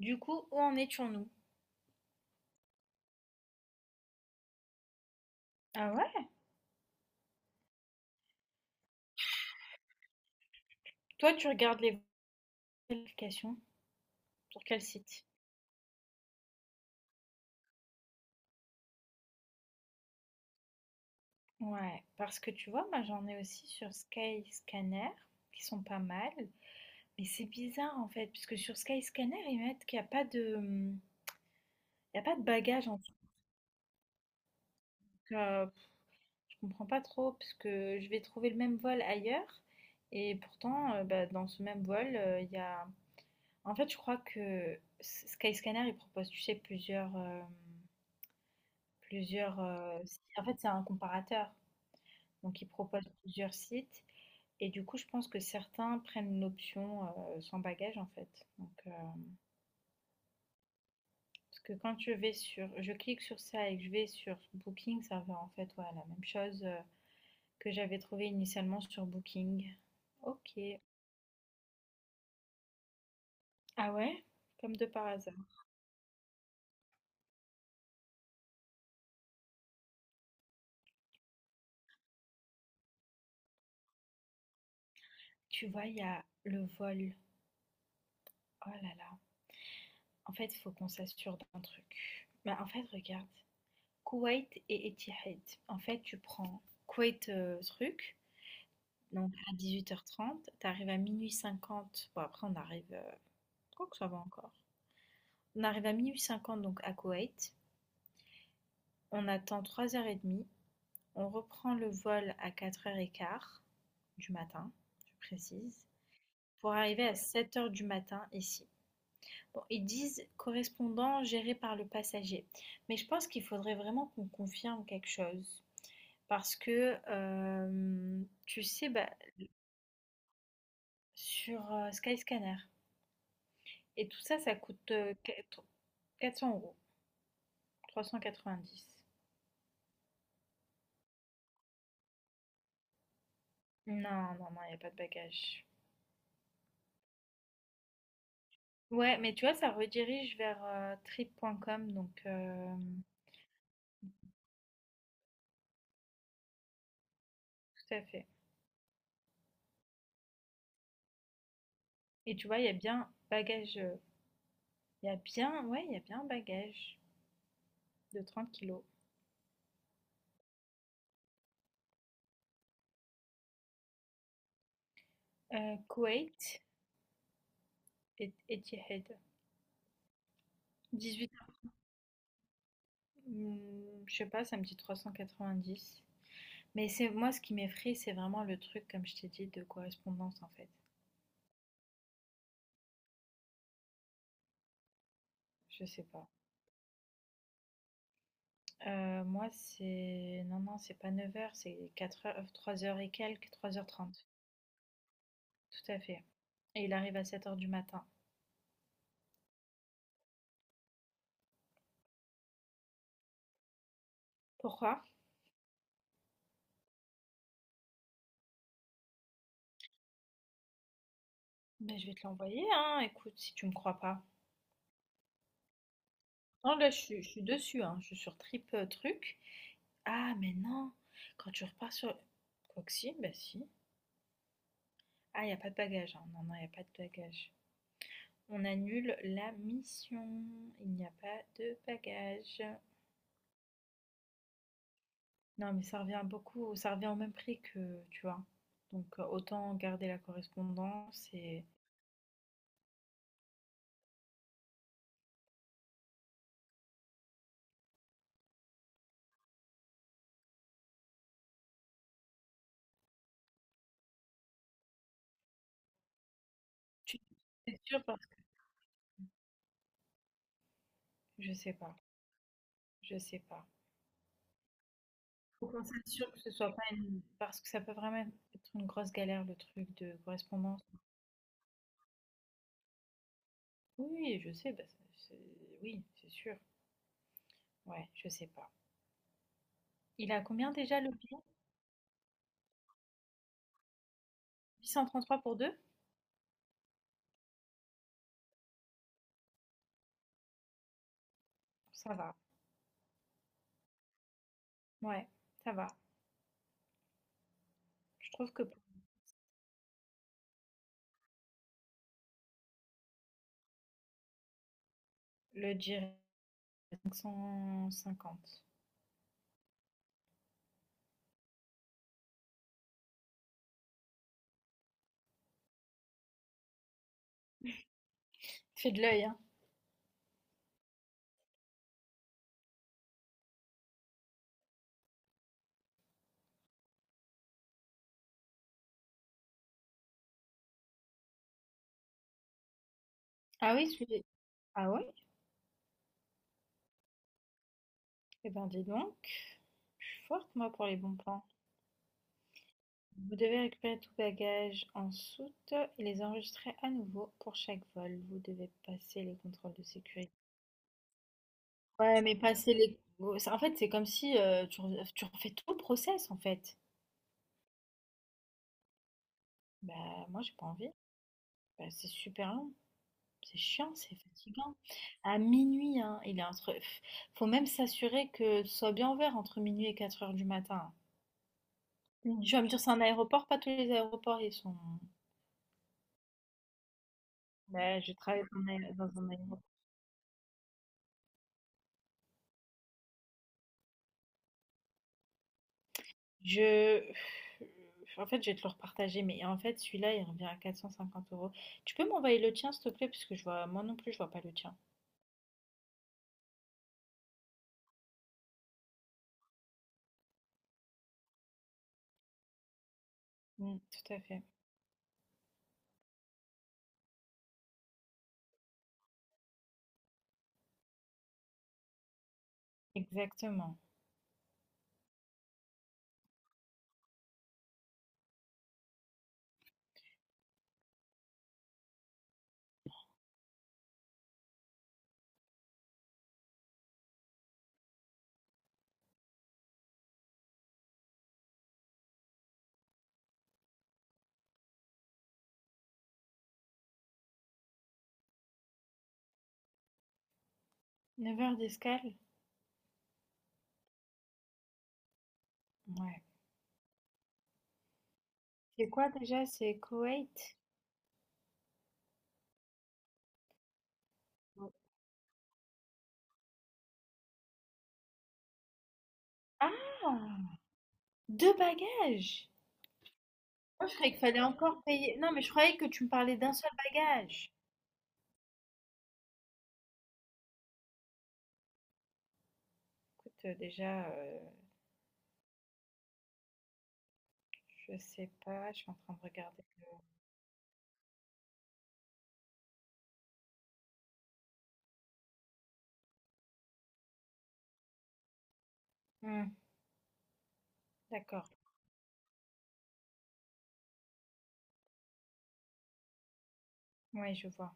Du coup, où en étions-nous? Ah ouais? Toi, tu regardes les vérifications sur quel site? Ouais, parce que tu vois, moi j'en ai aussi sur Skyscanner, qui sont pas mal, mais c'est bizarre en fait, puisque sur Skyscanner, ils mettent qu'il n'y a pas de, il y a pas de bagages en tout cas. Je comprends pas trop, parce que je vais trouver le même vol ailleurs, et pourtant, bah, dans ce même vol, il y a... En fait, je crois que Skyscanner, il propose, tu sais, plusieurs, si en fait, c'est un comparateur, donc il propose plusieurs sites et du coup, je pense que certains prennent l'option, sans bagage, en fait, donc parce que quand je clique sur ça et que je vais sur Booking, ça va, en fait, ouais, la même chose, que j'avais trouvé initialement sur Booking. OK. Ah ouais? Comme de par hasard. Tu vois, il y a le vol. Oh là là. En fait, il faut qu'on s'assure d'un truc. Bah, en fait, regarde. Koweït et Etihad. En fait, tu prends Koweït, truc, donc à 18h30, tu arrives à 12h50, bon après on arrive, que ça va encore. On arrive à 12h50 donc à Koweït, on attend 3h30, on reprend le vol à 4h15 du matin, je précise, pour arriver à 7 heures du matin ici. Bon, ils disent correspondant géré par le passager, mais je pense qu'il faudrait vraiment qu'on confirme quelque chose. Parce que, tu sais, bah, sur, Skyscanner et tout ça, ça coûte, quatre 400 €, 390. Non, non, non, il y a pas de bagages. Ouais, mais tu vois, ça redirige vers, trip.com, donc tout à fait et tu vois, il y a bien bagage il y a bien un bagage de 30 kilos. Koweït et Etihad, 18 €. Mmh, je sais pas, ça me dit 390. Mais c'est moi ce qui m'effraie, c'est vraiment le truc, comme je t'ai dit, de correspondance en fait. Je sais pas. Moi, c'est. Non, non, c'est pas 9 heures, c'est 4 heures 3 heures et quelques, 3h30. Tout à fait. Et il arrive à 7 heures du matin. Pourquoi? Mais je vais te l'envoyer, hein, écoute, si tu me crois pas. Non, là, je suis dessus, hein, je suis sur Trip Truc. Ah, mais non, quand tu repars sur. Quoi que si, bah si. Ah, il n'y a pas de bagage, hein. Non, non, il n'y a pas de bagage. On annule la mission. Il n'y a pas de bagages. Non, mais ça revient beaucoup, ça revient au même prix que, tu vois. Donc autant garder la correspondance et tu c'est sûr parce que je sais pas, je sais pas. Faut qu'on s'assure que ce soit pas une parce que ça peut vraiment être une grosse galère le truc de correspondance. Oui, oui, je sais, bah, oui, c'est sûr. Ouais, je sais pas. Il a combien déjà le billet? 833 pour deux? Ça va. Ouais, ça va. Je trouve que le Jira, 550. Fais de l'œil, hein. Ah oui, celui. Ah ouais? Eh ben, dis donc. Je suis forte, moi, pour les bons plans. Vous devez récupérer tout bagage en soute et les enregistrer à nouveau pour chaque vol. Vous devez passer les contrôles de sécurité. Ouais, mais passer les... oh, En fait, c'est comme si tu refais tout le process, en fait. Bah, moi, j'ai pas envie. Bah, c'est super long. C'est chiant, c'est fatigant. À minuit, hein, il est entre. Faut même s'assurer que ce soit bien ouvert entre minuit et 4 heures du matin. Mm. Tu vas me dire, c'est un aéroport, pas tous les aéroports, ils sont. Ben, je travaille dans un aéroport. Je. En fait, je vais te le repartager, mais en fait, celui-là, il revient à 450 euros. Tu peux m'envoyer le tien, s'il te plaît, parce que je vois. Moi non plus, je vois pas le tien. Mm, tout à fait. Exactement. 9 heures d'escale? Ouais. C'est quoi déjà? C'est Koweït? Ah! Deux bagages? Moi, je croyais qu'il fallait encore payer. Non, mais je croyais que tu me parlais d'un seul bagage. Écoute, déjà, je sais pas, je suis en train de regarder. Hmm, d'accord, oui, je vois.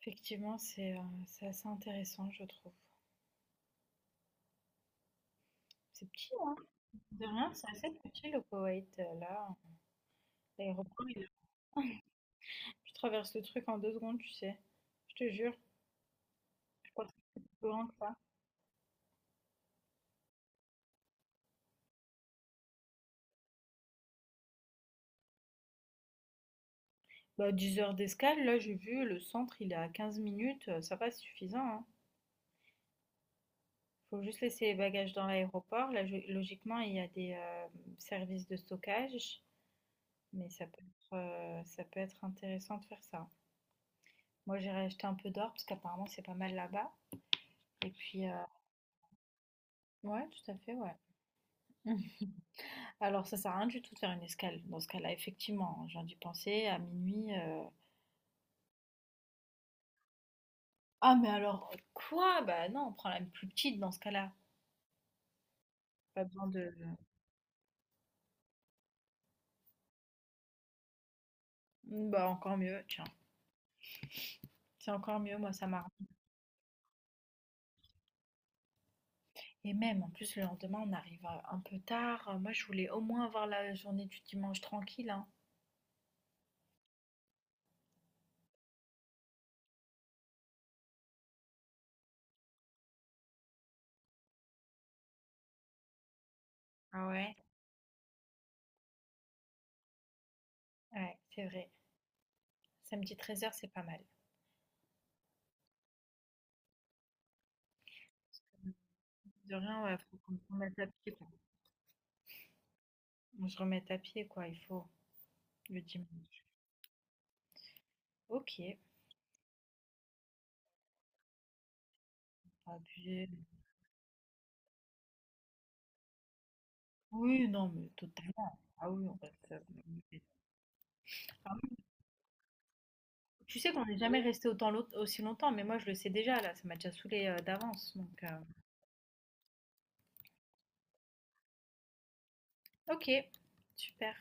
Effectivement, c'est assez intéressant, je trouve. C'est petit, hein? De rien, c'est assez petit le Koweït, là. L'aéroport, je traverse le truc en 2 secondes, tu sais. Je te jure, je crois que c'est plus grand que ça. Bah, 10 heures d'escale, là, j'ai vu, le centre, il est à 15 minutes, ça va, c'est suffisant, hein. Faut juste laisser les bagages dans l'aéroport. Là, logiquement, il y a des services de stockage, mais ça peut être intéressant de faire ça. Moi, j'irai acheter un peu d'or parce qu'apparemment, c'est pas mal là-bas. Et puis, ouais, tout à fait, ouais. Alors, ça sert à rien du tout de faire une escale. Dans ce cas-là, effectivement, j'ai dû penser à minuit. Ah, mais alors, quoi? Bah non, on prend la plus petite dans ce cas-là. Pas besoin de. Bah, encore mieux, tiens. C'est encore mieux, moi, ça m'a. Et même, en plus, le lendemain, on arrive, un peu tard. Moi, je voulais au moins avoir la journée du dimanche tranquille, hein. Ah ouais? Ouais, c'est vrai. Samedi 13h c'est pas mal. De rien, ouais, faut qu'on se remette à pied, quoi. On se remette à pied, quoi, il faut, le dimanche. OK. Ah puis oui, non, mais totalement. Ah oui, on reste, ah oui, tu sais qu'on n'est jamais resté autant long aussi longtemps, mais moi, je le sais déjà, là, ça m'a déjà saoulé d'avance, donc, OK, super.